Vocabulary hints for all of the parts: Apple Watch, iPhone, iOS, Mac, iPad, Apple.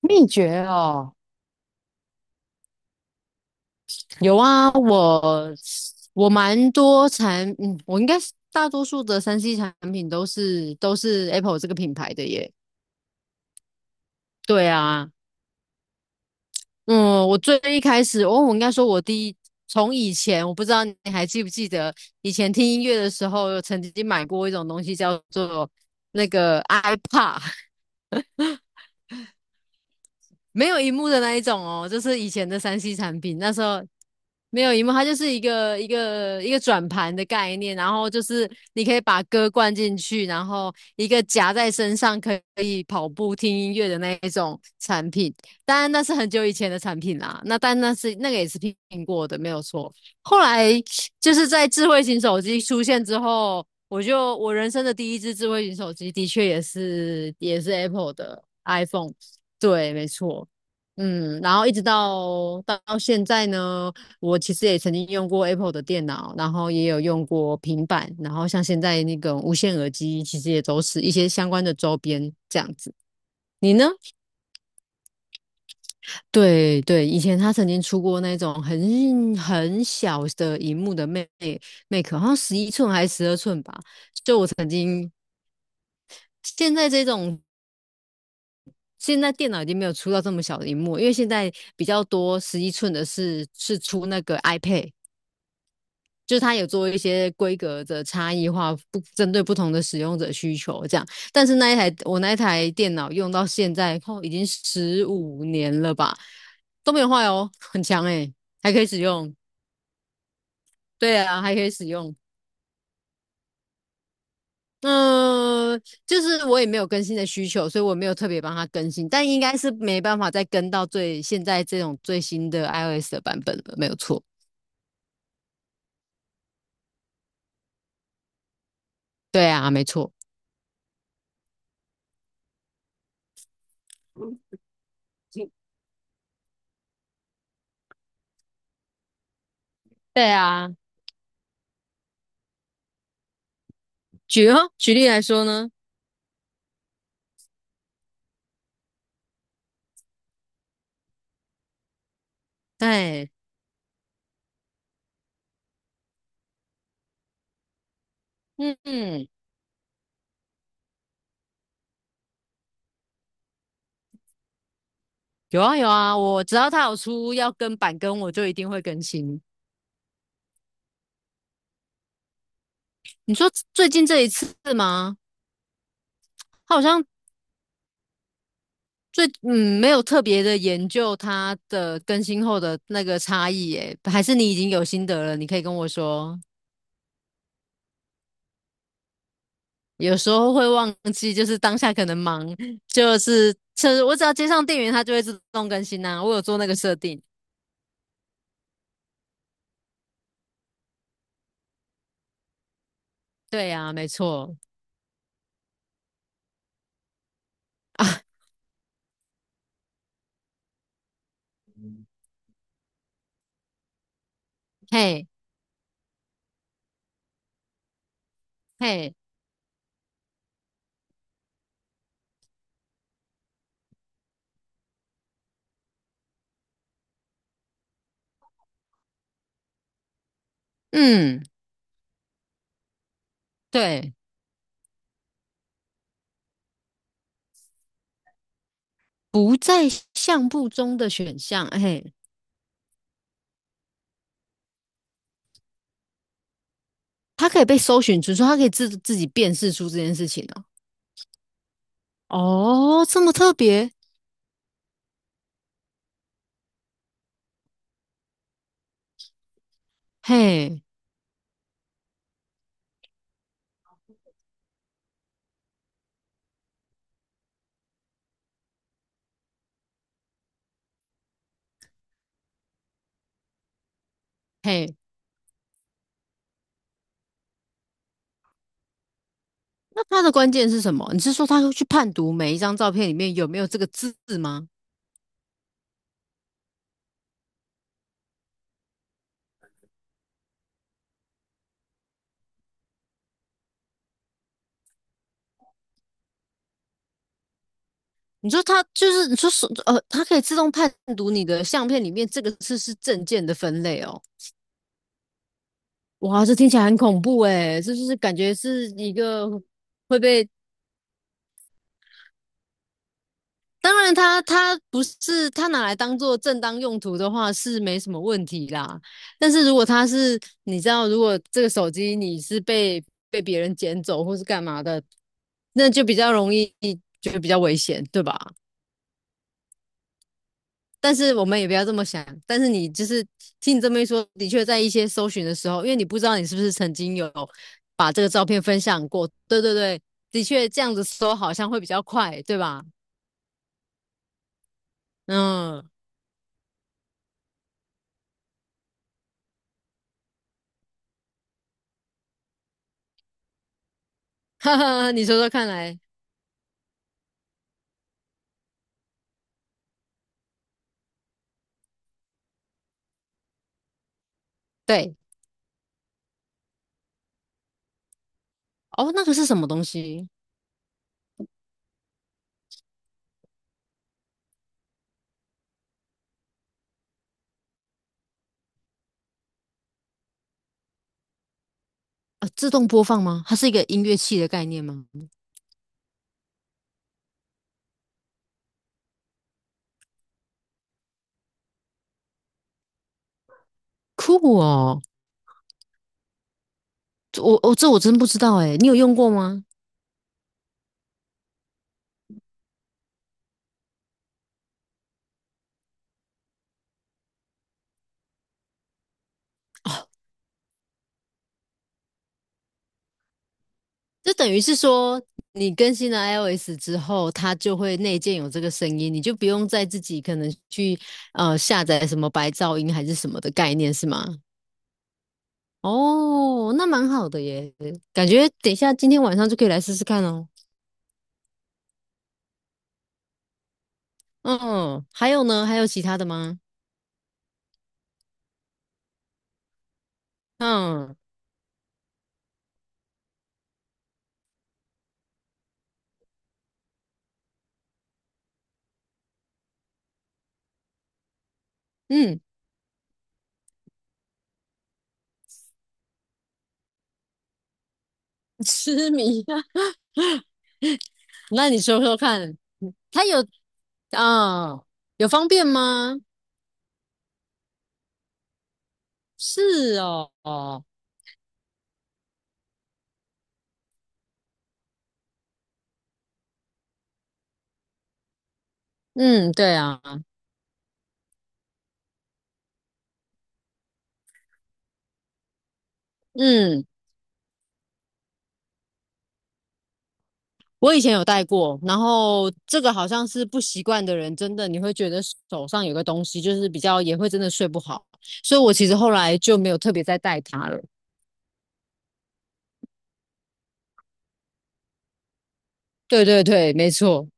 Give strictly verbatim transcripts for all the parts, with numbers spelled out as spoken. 秘诀哦，有啊，我我蛮多产，嗯，我应该是大多数的三 C 产品都是都是 Apple 这个品牌的耶。对啊，嗯，我最一开始，哦，我应该说我第一，从以前我不知道你还记不记得，以前听音乐的时候，有曾经买过一种东西叫做那个 i p a d 没有荧幕的那一种哦，就是以前的三 C 产品，那时候没有荧幕，它就是一个一个一个转盘的概念，然后就是你可以把歌灌进去，然后一个夹在身上可以跑步听音乐的那一种产品。当然那是很久以前的产品啦，那但那是那个也是苹果的，没有错。后来就是在智慧型手机出现之后，我就我人生的第一只智慧型手机，的确也是也是 Apple 的 iPhone，对，没错，嗯，然后一直到到到现在呢，我其实也曾经用过 Apple 的电脑，然后也有用过平板，然后像现在那个无线耳机，其实也都是一些相关的周边这样子。你呢？对对，以前他曾经出过那种很很小的荧幕的 Mac Mac，好像十一寸还是十二寸吧。就我曾经现在这种现在电脑已经没有出到这么小的荧幕，因为现在比较多十一寸的是是出那个 iPad，就是它有做一些规格的差异化，不针对不同的使用者需求这样。但是那一台我那一台电脑用到现在后、哦、已经十五年了吧，都没有坏哦，很强诶、欸还可以使用。对啊，还可以使用。嗯，就是我也没有更新的需求，所以我没有特别帮他更新，但应该是没办法再跟到最现在这种最新的 iOS 的版本了，没有错。对啊，没错。对啊，举哦，举例来说呢，对，嗯嗯，有啊有啊，我只要他有出要跟版跟，我就一定会更新。你说最近这一次吗？他好像最嗯没有特别的研究它的更新后的那个差异，诶，还是你已经有心得了，你可以跟我说。有时候会忘记，就是当下可能忙，就是就是我只要接上电源，它就会自动更新呐、我有做那个设定。对呀、没错啊，嘿嘿，嗯，对，不在相簿中的选项，嘿，它可以被搜寻出，说它可以自自己辨识出这件事情哦。哦，这么特别，嘿嘿，那它的关键是什么？你是说它会去判读每一张照片里面有没有这个字吗？你说它就是你说手呃，它可以自动判读你的相片里面这个是是证件的分类哦。哇，这听起来很恐怖诶，这就是感觉是一个会被。当然它，它不是它拿来当做正当用途的话是没什么问题啦。但是如果它是你知道，如果这个手机你是被被别人捡走或是干嘛的，那就比较容易，就比较危险，对吧？但是我们也不要这么想。但是你就是听你这么一说，的确在一些搜寻的时候，因为你不知道你是不是曾经有把这个照片分享过。对对对，的确这样子搜好像会比较快，对吧？嗯，哈哈，你说说看来，对哦，那个是什么东西啊？自动播放吗？它是一个音乐器的概念吗？酷哦，这我哦，这我真不知道哎，你有用过吗？就等于是说，你更新了 iOS 之后，它就会内建有这个声音，你就不用再自己可能去呃下载什么白噪音还是什么的概念是吗？哦，那蛮好的耶，感觉等一下今天晚上就可以来试试看哦。嗯，还有呢？还有其他的吗？嗯嗯，痴迷啊 那你说说看，它有啊、有方便吗？是哦，哦，嗯，对啊，嗯。我以前有戴过，然后这个好像是不习惯的人，真的你会觉得手上有个东西，就是比较也会真的睡不好，所以我其实后来就没有特别再戴它了。对对对，没错。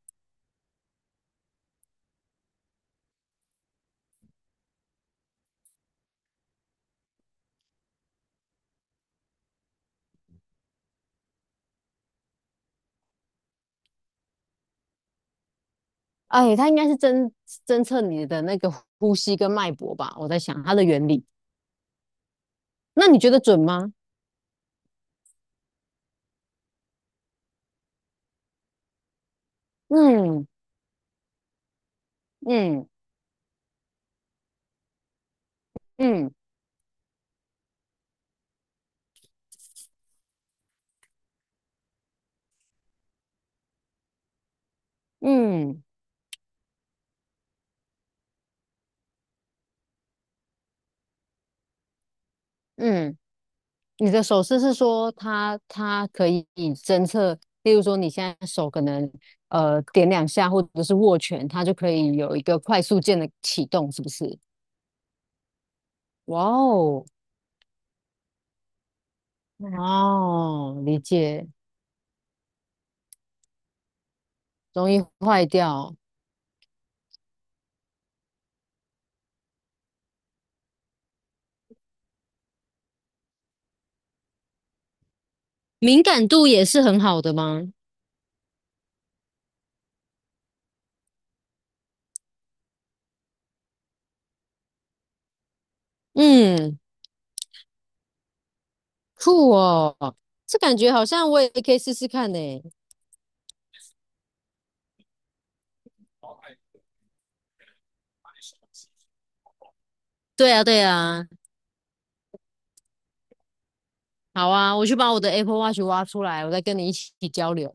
哎，它应该是侦侦测你的那个呼吸跟脉搏吧，我在想它的原理。那你觉得准吗？嗯嗯嗯嗯嗯。你的手势是说它它可以侦测，例如说你现在手可能呃点两下或者是握拳，它就可以有一个快速键的启动，是不是？哇哦，哦，理解，容易坏掉，敏感度也是很好的吗？嗯，酷哦，这感觉好像我也可以试试看呢。对啊，对啊，好啊，我去把我的 Apple Watch 挖出来，我再跟你一起交流。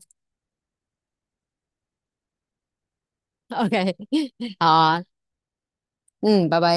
OK，好啊，嗯，拜拜。